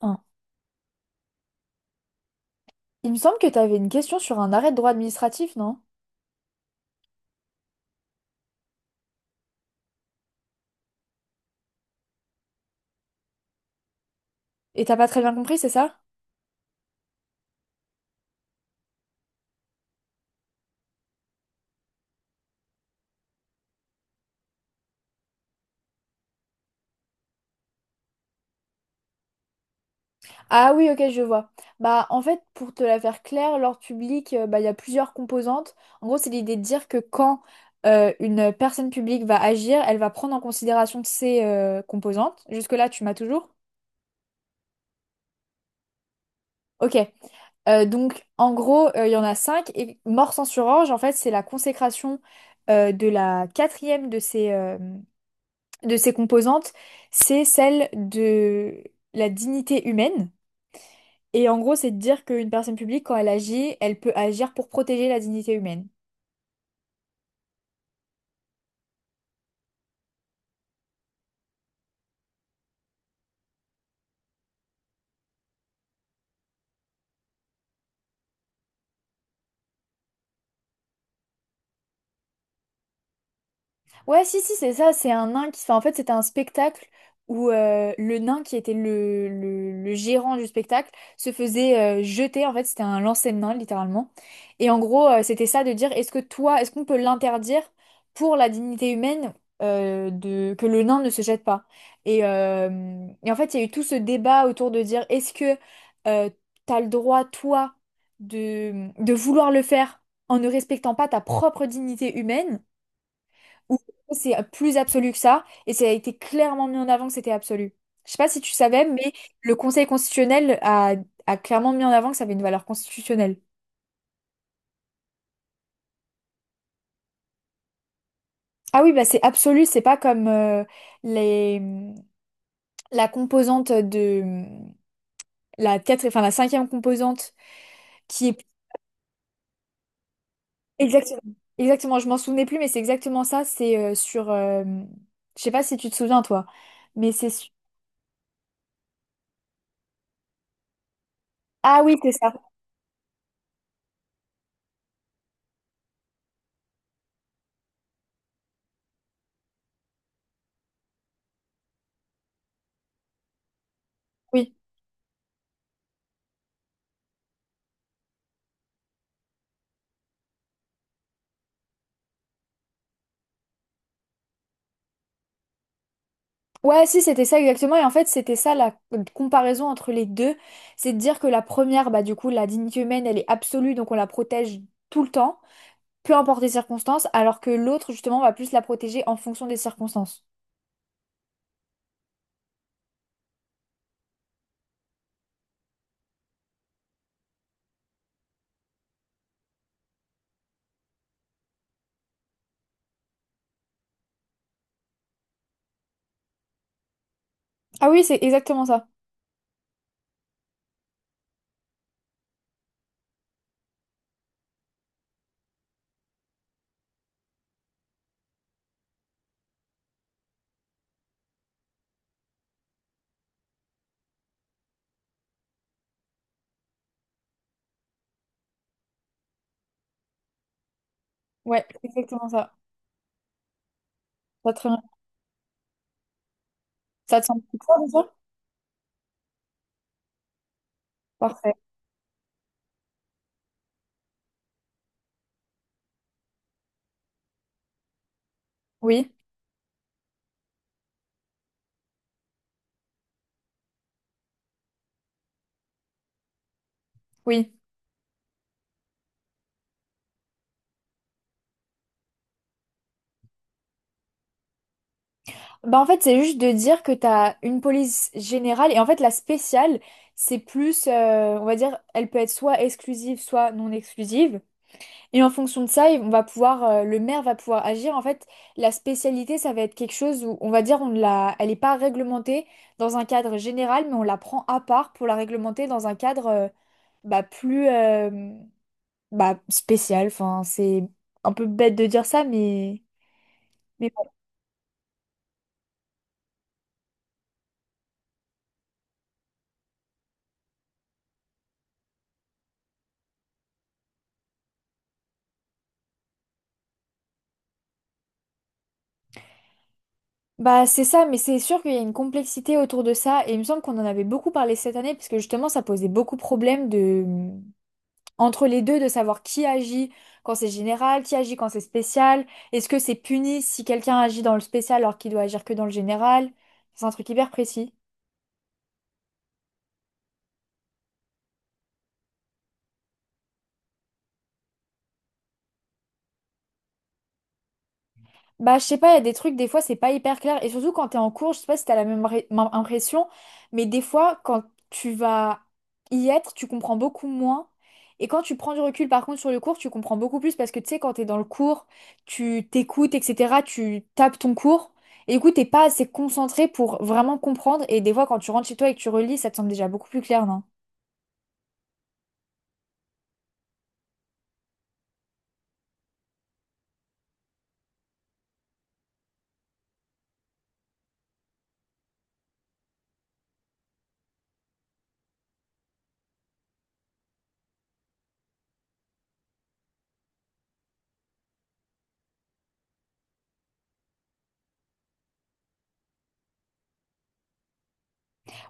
Hein. Il me semble que tu avais une question sur un arrêt de droit administratif, non? Et t'as pas très bien compris, c'est ça? Ah oui, ok, je vois. Bah, en fait, pour te la faire claire, l'ordre public, bah, il y a plusieurs composantes. En gros, c'est l'idée de dire que quand une personne publique va agir, elle va prendre en considération ces composantes. Jusque-là, tu m'as toujours? Ok. Donc, en gros, il y en a cinq. Et mort sans surorge, en fait, c'est la consécration de la quatrième de ces, de ses composantes, c'est celle de la dignité humaine. Et en gros, c'est de dire qu'une personne publique, quand elle agit, elle peut agir pour protéger la dignité humaine. Ouais, si, si, c'est ça. C'est un nain qui. Enfin, en fait, c'était un spectacle où le nain qui était le gérant du spectacle se faisait jeter. En fait, c'était un lancer de nain, littéralement. Et en gros, c'était ça de dire est-ce que toi, est-ce qu'on peut l'interdire pour la dignité humaine de, que le nain ne se jette pas? Et en fait, il y a eu tout ce débat autour de dire est-ce que euh, t'as le droit, toi, de vouloir le faire en ne respectant pas ta propre dignité humaine? Ou c'est plus absolu que ça, et ça a été clairement mis en avant que c'était absolu. Je sais pas si tu savais, mais le Conseil constitutionnel a clairement mis en avant que ça avait une valeur constitutionnelle. Ah oui, bah c'est absolu, c'est pas comme les, la composante de la quatre, enfin la cinquième composante qui est exactement, exactement, je m'en souvenais plus, mais c'est exactement ça, c'est je sais pas si tu te souviens toi, mais c'est ah oui, c'est ça, oui. Ouais, si, c'était ça exactement. Et en fait, c'était ça la comparaison entre les deux. C'est de dire que la première, bah, du coup, la dignité humaine, elle est absolue, donc on la protège tout le temps, peu importe les circonstances, alors que l'autre, justement, va plus la protéger en fonction des circonstances. Ah oui, c'est exactement ça. Ouais, c'est exactement ça. Ça te, ça te semble clair, déjà? Parfait. Oui, oui. Bah, en fait, c'est juste de dire que t'as une police générale, et en fait, la spéciale, c'est plus, on va dire, elle peut être soit exclusive, soit non exclusive. Et en fonction de ça, on va pouvoir, le maire va pouvoir agir. En fait, la spécialité, ça va être quelque chose où on va dire on ne l'a, elle n'est pas réglementée dans un cadre général, mais on la prend à part pour la réglementer dans un cadre bah, plus bah, spécial. Enfin, c'est un peu bête de dire ça, mais bon. Bah, c'est ça, mais c'est sûr qu'il y a une complexité autour de ça. Et il me semble qu'on en avait beaucoup parlé cette année, parce que justement, ça posait beaucoup de problèmes de. Entre les deux de savoir qui agit quand c'est général, qui agit quand c'est spécial. Est-ce que c'est puni si quelqu'un agit dans le spécial alors qu'il doit agir que dans le général? C'est un truc hyper précis. Bah, je sais pas, il y a des trucs, des fois, c'est pas hyper clair. Et surtout quand t'es en cours, je sais pas si t'as la même impression, mais des fois, quand tu vas y être, tu comprends beaucoup moins. Et quand tu prends du recul, par contre, sur le cours, tu comprends beaucoup plus parce que tu sais, quand t'es dans le cours, tu t'écoutes, etc., tu tapes ton cours. Et du coup, t'es pas assez concentré pour vraiment comprendre. Et des fois, quand tu rentres chez toi et que tu relis, ça te semble déjà beaucoup plus clair, non?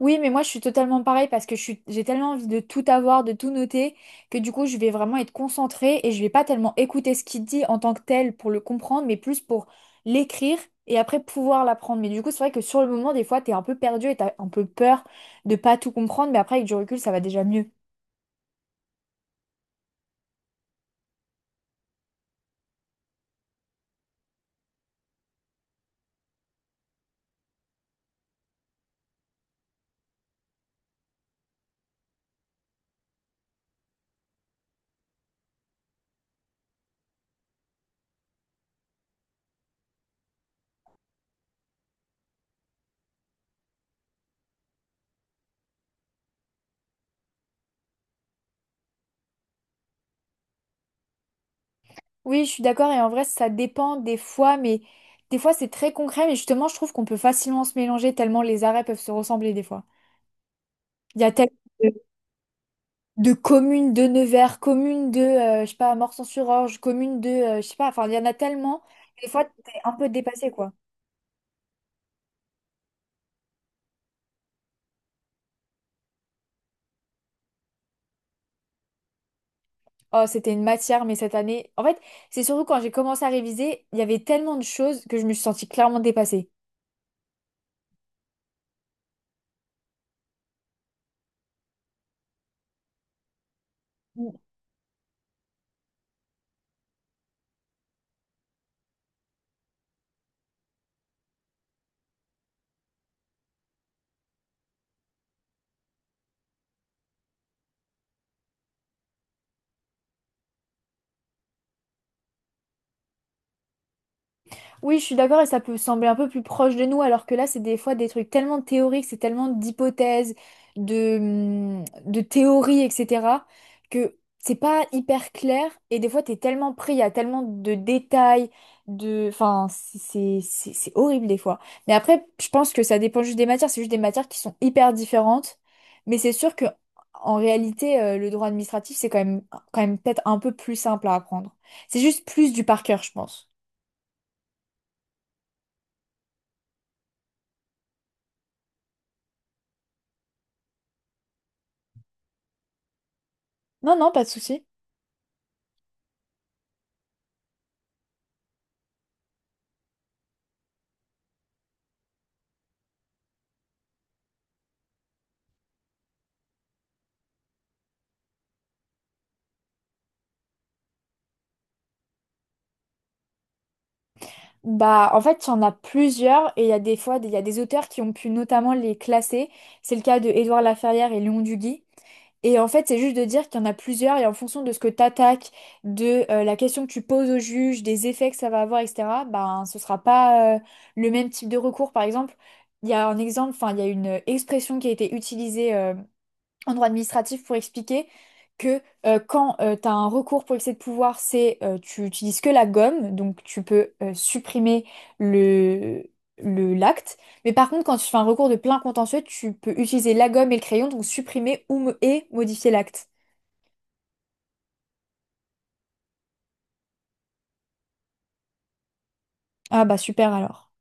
Oui, mais moi je suis totalement pareil parce que j'ai tellement envie de tout avoir, de tout noter, que du coup je vais vraiment être concentrée et je vais pas tellement écouter ce qu'il dit en tant que tel pour le comprendre, mais plus pour l'écrire et après pouvoir l'apprendre. Mais du coup, c'est vrai que sur le moment, des fois, t'es un peu perdu et t'as un peu peur de pas tout comprendre, mais après avec du recul, ça va déjà mieux. Oui, je suis d'accord et en vrai, ça dépend des fois, mais des fois c'est très concret, mais justement, je trouve qu'on peut facilement se mélanger tellement les arrêts peuvent se ressembler des fois. Il y a tellement. De communes de Nevers, communes de, je sais pas, Morsan-sur-Orge, communes de, je sais pas, enfin, il y en a tellement. Des fois, t'es un peu dépassé, quoi. Oh, c'était une matière, mais cette année... En fait, c'est surtout quand j'ai commencé à réviser, il y avait tellement de choses que je me suis sentie clairement dépassée. Oui, je suis d'accord et ça peut sembler un peu plus proche de nous, alors que là, c'est des fois des trucs tellement théoriques, c'est tellement d'hypothèses, de théories, etc., que c'est pas hyper clair et des fois, t'es tellement pris, il y a tellement de détails, de... Enfin, c'est horrible des fois. Mais après, je pense que ça dépend juste des matières, c'est juste des matières qui sont hyper différentes, mais c'est sûr que en réalité, le droit administratif, c'est quand même peut-être un peu plus simple à apprendre. C'est juste plus du par cœur, je pense. Non, non, pas de souci. Bah, en fait, il y en a plusieurs et il y a des fois, il y a des auteurs qui ont pu notamment les classer. C'est le cas de Édouard Laferrière et Léon Duguy. Et en fait, c'est juste de dire qu'il y en a plusieurs et en fonction de ce que t'attaques, de la question que tu poses au juge, des effets que ça va avoir, etc., ben, ce sera pas le même type de recours. Par exemple, il y a un exemple, enfin, il y a une expression qui a été utilisée en droit administratif pour expliquer que quand tu as un recours pour excès de pouvoir, c'est tu utilises que la gomme, donc tu peux supprimer le l'acte. Mais par contre, quand tu fais un recours de plein contentieux, tu peux utiliser la gomme et le crayon, donc supprimer et modifier l'acte. Ah bah super alors.